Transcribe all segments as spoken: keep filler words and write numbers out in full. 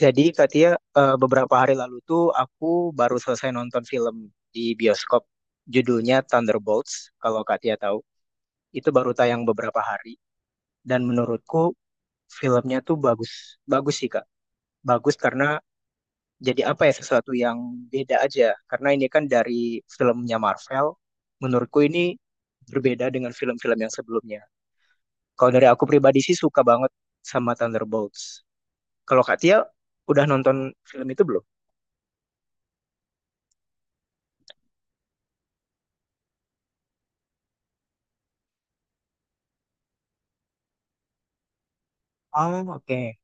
Jadi Katia, eh, beberapa hari lalu tuh aku baru selesai nonton film di bioskop. Judulnya Thunderbolts, kalau Katia tahu. Itu baru tayang beberapa hari. Dan menurutku filmnya tuh bagus. Bagus sih, Kak. Bagus karena jadi apa ya, sesuatu yang beda aja. Karena ini kan dari filmnya Marvel. Menurutku ini berbeda dengan film-film yang sebelumnya. Kalau dari aku pribadi sih suka banget sama Thunderbolts. Kalau Katia udah nonton film itu belum? Oh, oke.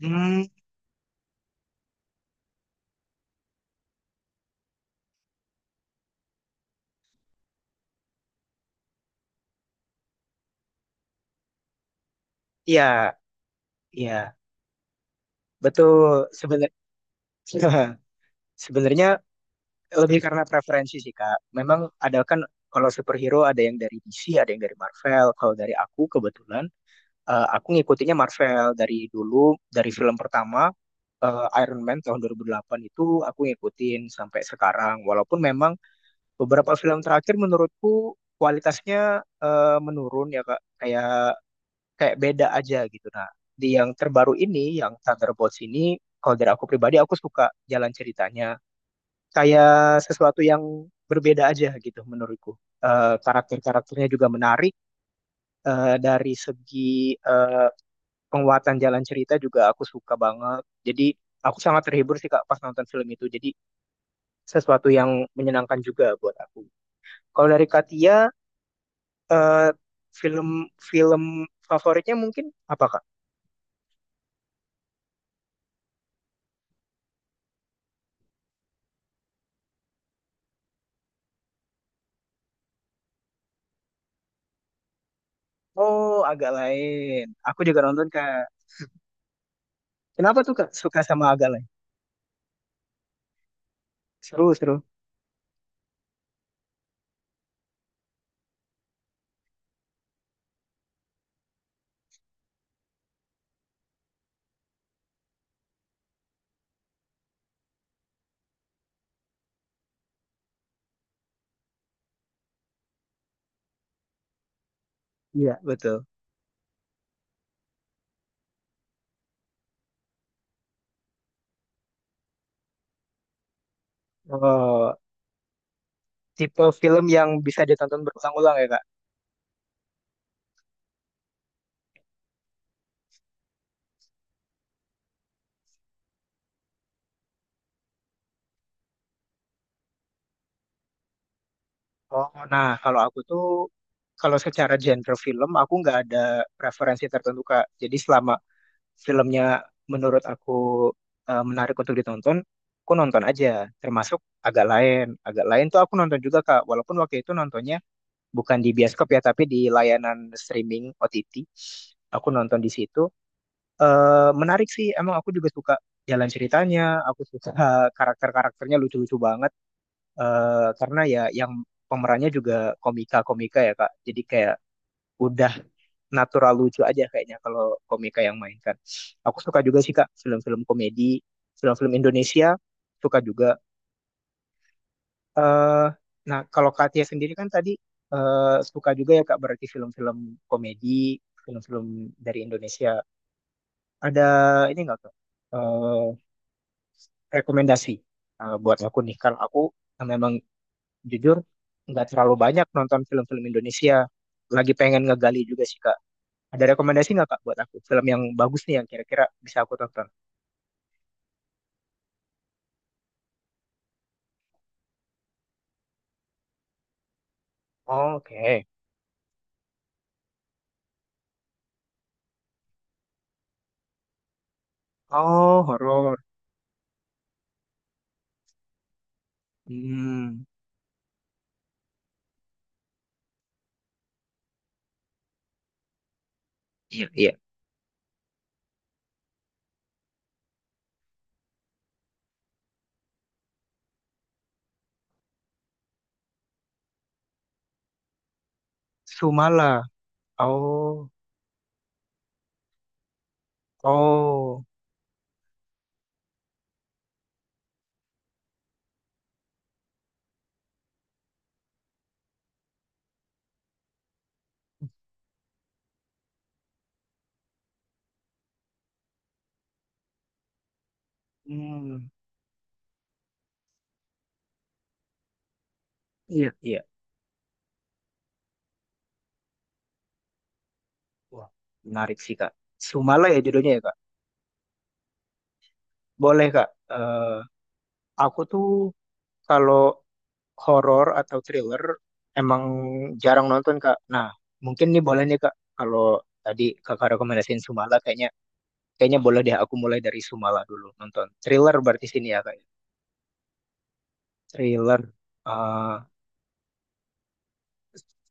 Hmm, ya, ya, betul. Sebenar- sebenarnya lebih karena preferensi sih, Kak. Memang ada kan, kalau superhero ada yang dari D C, ada yang dari Marvel. Kalau dari aku kebetulan eh, aku ngikutinnya Marvel dari dulu, dari film pertama eh, Iron Man tahun dua ribu delapan itu aku ngikutin sampai sekarang. Walaupun memang beberapa film terakhir menurutku kualitasnya eh, menurun ya, Kak. Kayak kayak beda aja gitu. Nah, di yang terbaru ini, yang Thunderbolts ini, kalau dari aku pribadi, aku suka jalan ceritanya. Kayak sesuatu yang berbeda aja gitu menurutku. Eh, karakter-karakternya juga menarik. Eh, dari segi eh, penguatan jalan cerita juga aku suka banget. Jadi aku sangat terhibur sih, Kak, pas nonton film itu. Jadi sesuatu yang menyenangkan juga buat aku. Kalau dari Katia, eh, film-film favoritnya mungkin apa, Kak? Oh, agak lain. Aku juga nonton, Kak. Kenapa tuh Kak suka sama agak lain? Seru, seru. Iya, betul. Oh, tipe film yang bisa ditonton berulang-ulang ya, Kak. Oh, nah kalau aku tuh kalau secara genre film aku nggak ada preferensi tertentu, Kak. Jadi selama filmnya menurut aku eh, menarik untuk ditonton, aku nonton aja. Termasuk agak lain. Agak lain tuh aku nonton juga, Kak. Walaupun waktu itu nontonnya bukan di bioskop ya, tapi di layanan streaming O T T aku nonton di situ. Eh, menarik sih emang, aku juga suka jalan ceritanya. Aku suka karakter-karakternya lucu-lucu banget. eh karena ya yang pemerannya juga komika-komika ya, Kak, jadi kayak udah natural lucu aja kayaknya kalau komika yang mainkan. Aku suka juga sih, Kak, film-film komedi, film-film Indonesia, suka juga. Eh, nah, kalau Katia sendiri kan tadi eh, suka juga ya, Kak, berarti film-film komedi, film-film dari Indonesia. Ada ini nggak, Kak? Eh, Rekomendasi eh, buat aku nih. Karena aku eh, memang jujur nggak terlalu banyak nonton film-film Indonesia. Lagi pengen ngegali juga sih, Kak. Ada rekomendasi nggak, Kak, buat aku? Film yang bagus nih yang kira-kira bisa aku tonton. Oke. Oh, horor. Hmm. Iya, iya. Sumala. Oh. Oh. Hmm, iya, iya. Wah, menarik sih, Kak. Sumala ya judulnya ya, Kak. Boleh, Kak. Eh, aku tuh kalau horor atau thriller emang jarang nonton, Kak. Nah, mungkin nih boleh nih, Kak. Kalau tadi Kakak rekomendasiin Sumala, kayaknya kayaknya boleh deh aku mulai dari Sumala dulu nonton. Thriller berarti sini ya, Kak. Thriller. Eh,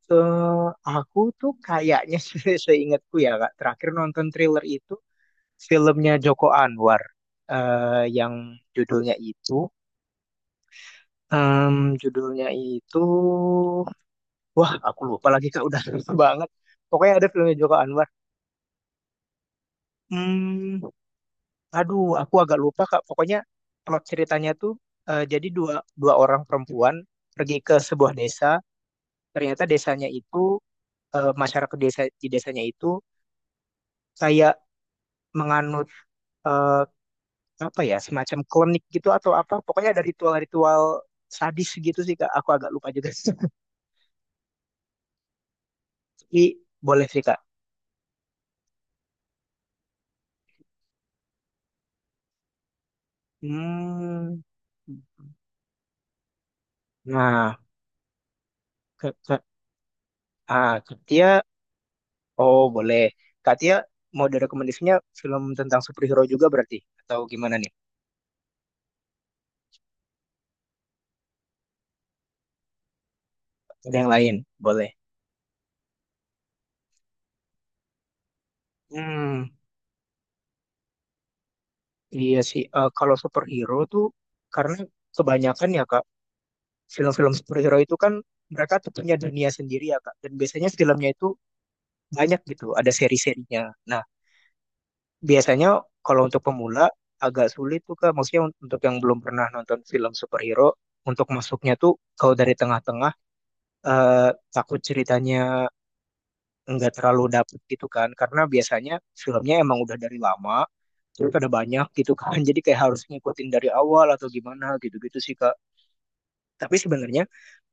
se- aku tuh kayaknya se- seingatku ya, Kak. Terakhir nonton thriller itu filmnya Joko Anwar eh, yang judulnya itu em, judulnya itu wah aku lupa lagi, Kak, udah lupa banget. Pokoknya ada filmnya Joko Anwar. Hmm, aduh aku agak lupa, Kak. Pokoknya plot ceritanya tuh eh, jadi dua dua orang perempuan pergi ke sebuah desa. Ternyata desanya itu eh, masyarakat desa di desanya itu kayak menganut eh, apa ya, semacam klinik gitu atau apa. Pokoknya ada ritual-ritual sadis gitu sih, Kak. Aku agak lupa juga, tapi boleh sih, Kak. Hmm. Nah, ke, ke, ah Katia. Oh boleh, Katia mau direkomendasinya film tentang superhero juga, berarti, atau gimana nih? Ada yang lain, boleh. Hmm, iya sih. Eh, kalau superhero tuh karena kebanyakan ya, Kak, film-film superhero itu kan mereka tuh punya dunia sendiri ya, Kak, dan biasanya filmnya itu banyak gitu, ada seri-serinya. Nah, biasanya kalau untuk pemula agak sulit tuh, Kak. Maksudnya un- untuk yang belum pernah nonton film superhero, untuk masuknya tuh kalau dari tengah-tengah eh, takut ceritanya nggak terlalu dapet gitu kan, karena biasanya filmnya emang udah dari lama, terus ada banyak gitu kan, jadi kayak harus ngikutin dari awal atau gimana gitu-gitu sih, Kak. Tapi sebenarnya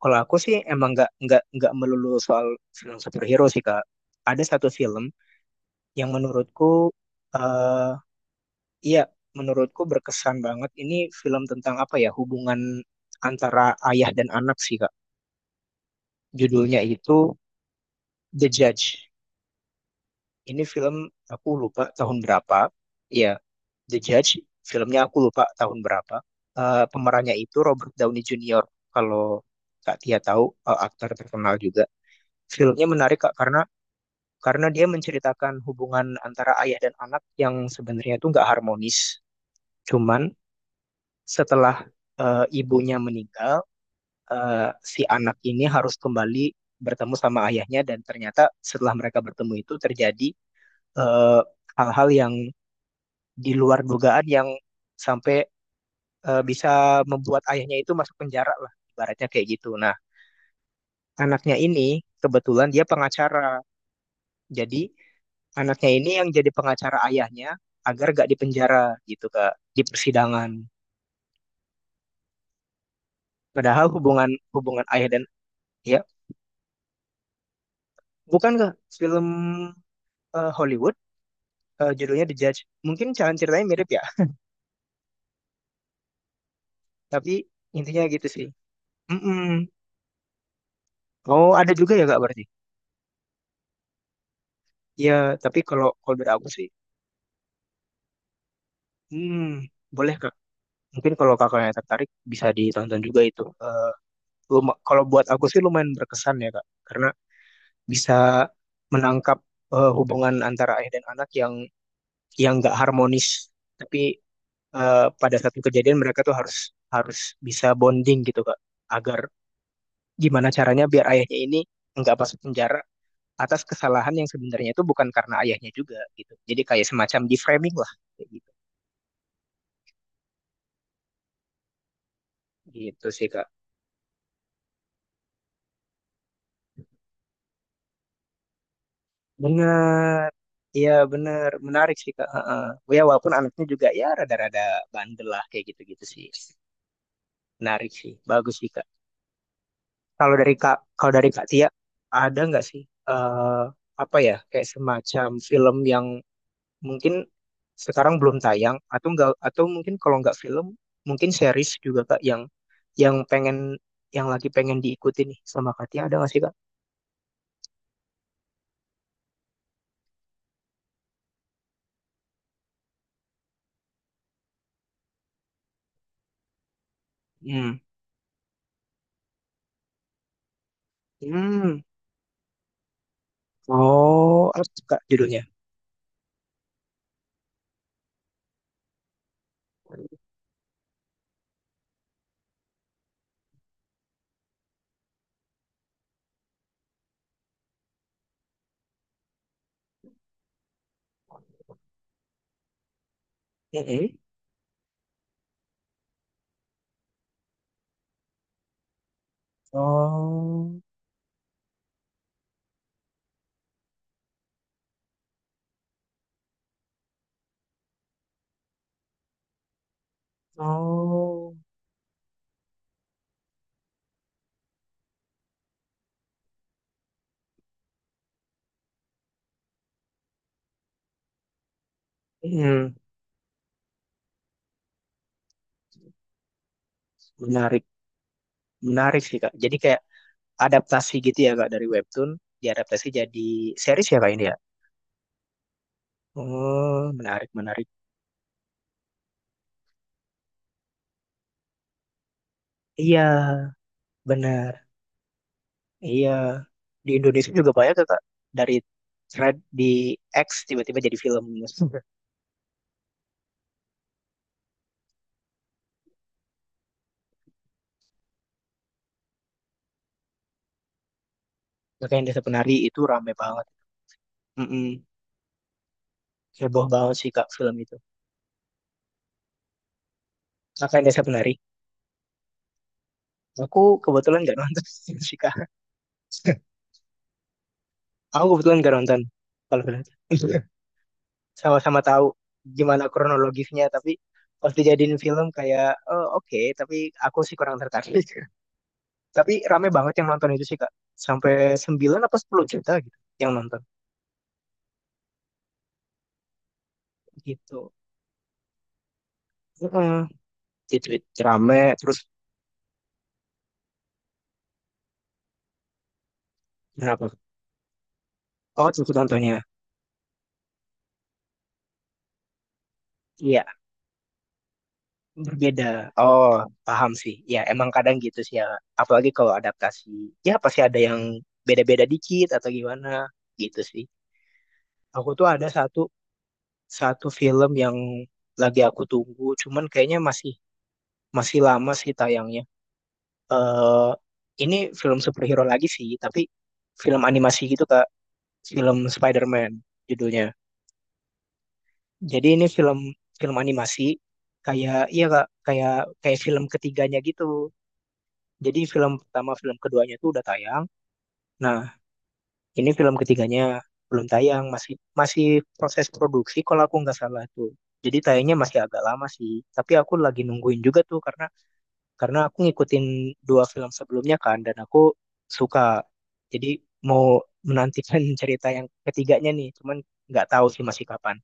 kalau aku sih emang nggak nggak nggak melulu soal film superhero sih, Kak. Ada satu film yang menurutku eh iya menurutku berkesan banget. Ini film tentang apa ya, hubungan antara ayah dan anak sih, Kak. Judulnya itu The Judge. Ini film aku lupa tahun berapa. Iya, The Judge, filmnya aku lupa tahun berapa. Eh, pemerannya itu Robert Downey Junior, kalau Kak Tia tahu. Eh, aktor terkenal juga. Filmnya menarik, Kak, karena karena dia menceritakan hubungan antara ayah dan anak yang sebenarnya itu nggak harmonis. Cuman setelah eh, ibunya meninggal, eh, si anak ini harus kembali bertemu sama ayahnya. Dan ternyata setelah mereka bertemu itu terjadi eh, hal-hal yang di luar dugaan, yang sampai eh, bisa membuat ayahnya itu masuk penjara lah, ibaratnya kayak gitu. Nah, anaknya ini kebetulan dia pengacara, jadi anaknya ini yang jadi pengacara ayahnya agar gak dipenjara gitu, Kak, di persidangan. Padahal hubungan hubungan ayah dan, ya, bukan, Kak, film eh, Hollywood, eh, judulnya The Judge. Mungkin jalan ceritanya mirip ya, tapi intinya gitu sih. Mm-mm. Oh, ada juga ya, Kak, berarti? Ya, tapi kalau kalau dari aku sih, hmm, boleh, Kak. Mungkin kalau kakaknya tertarik, bisa ditonton juga itu. Eh, luma- kalau buat aku sih lumayan berkesan ya, Kak, karena bisa menangkap eh, hubungan antara ayah dan anak yang yang nggak harmonis. Tapi eh, pada satu kejadian mereka tuh harus harus bisa bonding gitu, Kak, agar gimana caranya biar ayahnya ini nggak masuk penjara atas kesalahan yang sebenarnya itu bukan karena ayahnya juga gitu. Jadi kayak semacam deframing lah kayak gitu. Gitu sih, Kak. Bener. Iya bener, menarik sih, Kak. Heeh. Ya walaupun anaknya juga ya rada-rada bandel lah kayak gitu-gitu sih. Menarik sih, bagus sih, Kak. Kalau dari Kak, kalau dari Kak Tia, ada nggak sih eh apa ya kayak semacam film yang mungkin sekarang belum tayang atau enggak, atau mungkin kalau nggak film, mungkin series juga, Kak, yang yang pengen yang lagi pengen diikuti nih sama Katia, ada nggak sih, Kak? Hmm. Hmm. Oh, apa tuh, Kak, judulnya? Mm-mm. Oh, oh, Hmm. Menarik, menarik sih, Kak. Jadi kayak adaptasi gitu ya, Kak, dari webtoon diadaptasi jadi series ya, Kak, ini ya. Oh, menarik, menarik. Iya, benar. Iya, di Indonesia juga banyak tuh, Kak. Dari thread di X tiba-tiba jadi film. Kakak yang Desa Penari itu rame banget. Mm-mm. Heboh banget sih, Kak, film itu. Kakak yang Desa Penari. Aku kebetulan nggak nonton sih, Kak. Aku kebetulan nggak nonton. Kalau benar. Sama-sama tahu gimana kronologisnya, tapi pas dijadiin film kayak, "Oh, oke, tapi aku sih kurang tertarik." Tapi rame banget yang nonton itu sih, Kak. Sampai sembilan apa sepuluh juta gitu yang nonton gitu. Heeh. Di Twitter rame terus berapa? Oh, ikut contohnya? Iya, berbeda. Oh, paham sih. Ya, emang kadang gitu sih ya. Apalagi kalau adaptasi. Ya, pasti ada yang beda-beda dikit atau gimana gitu sih. Aku tuh ada satu satu film yang lagi aku tunggu, cuman kayaknya masih masih lama sih tayangnya. Eh, ini film superhero lagi sih, tapi film animasi gitu, Kak. Film Spider-Man judulnya. Jadi ini film film animasi, kayak iya, Kak, kayak kayak film ketiganya gitu. Jadi film pertama film keduanya tuh udah tayang. Nah, ini film ketiganya belum tayang, masih masih proses produksi kalau aku nggak salah tuh. Jadi tayangnya masih agak lama sih. Tapi aku lagi nungguin juga tuh karena karena aku ngikutin dua film sebelumnya kan, dan aku suka. Jadi mau menantikan cerita yang ketiganya nih. Cuman nggak tahu sih masih kapan.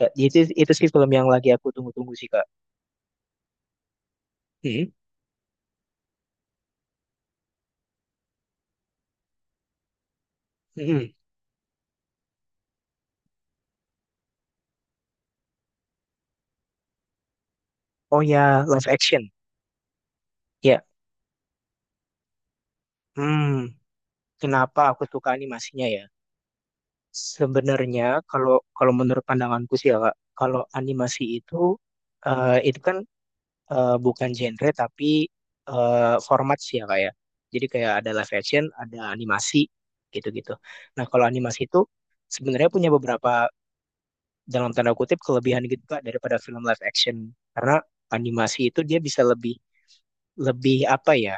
Ya, Itu itu sih film yang lagi aku tunggu-tunggu sih, Kak. Mhm, mhm. Oh ya, live action. Ya. Hmm, kenapa aku suka animasinya ya? Sebenarnya kalau kalau menurut pandanganku sih ya, Kak, kalau animasi itu eh, itu kan eh, bukan genre, tapi eh, format sih ya, Kak ya. Jadi kayak ada live action, ada animasi gitu-gitu. Nah, kalau animasi itu sebenarnya punya beberapa dalam tanda kutip kelebihan gitu, Kak, daripada film live action, karena animasi itu dia bisa lebih lebih apa ya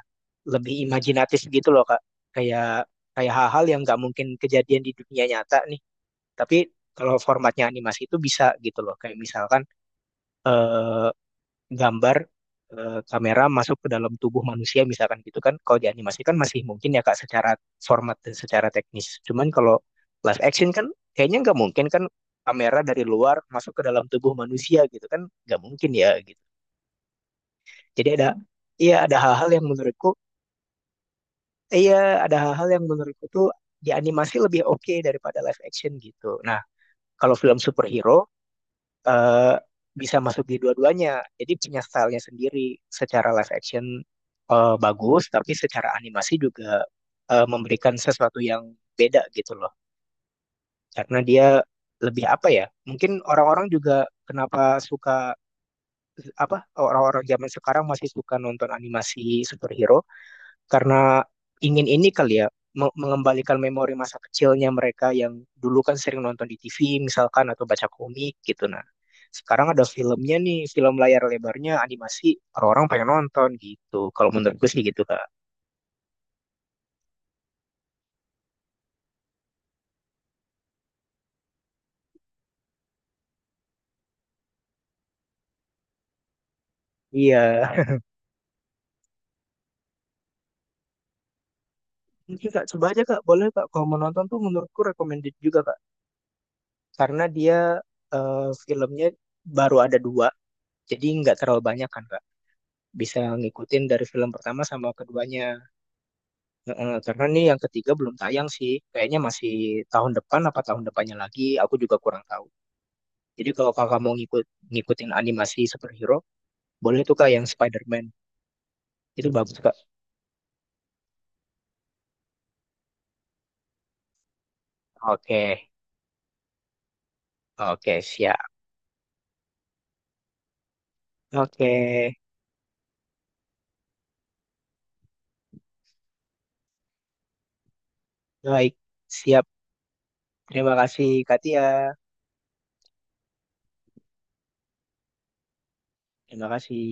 lebih imajinatif gitu loh, Kak, kayak kayak hal-hal yang nggak mungkin kejadian di dunia nyata nih, tapi kalau formatnya animasi itu bisa gitu loh, kayak misalkan eh, gambar eh, kamera masuk ke dalam tubuh manusia misalkan gitu kan. Kalau di animasi kan masih mungkin ya, Kak, secara format dan secara teknis. Cuman kalau live action kan kayaknya nggak mungkin kan, kamera dari luar masuk ke dalam tubuh manusia gitu kan, nggak mungkin ya gitu. Jadi ada Iya ada hal-hal yang menurutku Iya, ada hal-hal yang menurutku tuh di animasi lebih oke daripada live action gitu. Nah, kalau film superhero eh, bisa masuk di dua-duanya. Jadi punya stylenya sendiri. Secara live action eh, bagus, tapi secara animasi juga eh, memberikan sesuatu yang beda gitu loh. Karena dia lebih apa ya? Mungkin orang-orang juga kenapa suka apa orang-orang zaman sekarang masih suka nonton animasi superhero karena ingin ini kali ya me- mengembalikan memori masa kecilnya mereka yang dulu kan sering nonton di T V misalkan, atau baca komik gitu. Nah, sekarang ada filmnya nih, film layar lebarnya animasi, orang-orang pengen nonton gitu, kalau menurut gue sih gitu, Kak. Iya, mungkin Kak coba aja, Kak, boleh, Kak, kalau mau nonton tuh menurutku recommended juga, Kak, karena dia eh, filmnya baru ada dua, jadi nggak terlalu banyak kan, Kak. Bisa ngikutin dari film pertama sama keduanya. Heeh, karena nih yang ketiga belum tayang sih. Kayaknya masih tahun depan apa tahun depannya lagi, aku juga kurang tahu. Jadi kalau kakak mau ngikut ngikutin animasi superhero, boleh tuh, Kak, yang Spider-Man. Itu bagus, Kak. Oke, oke siap. Oke, baik, siap. Terima kasih, Katia. Terima kasih.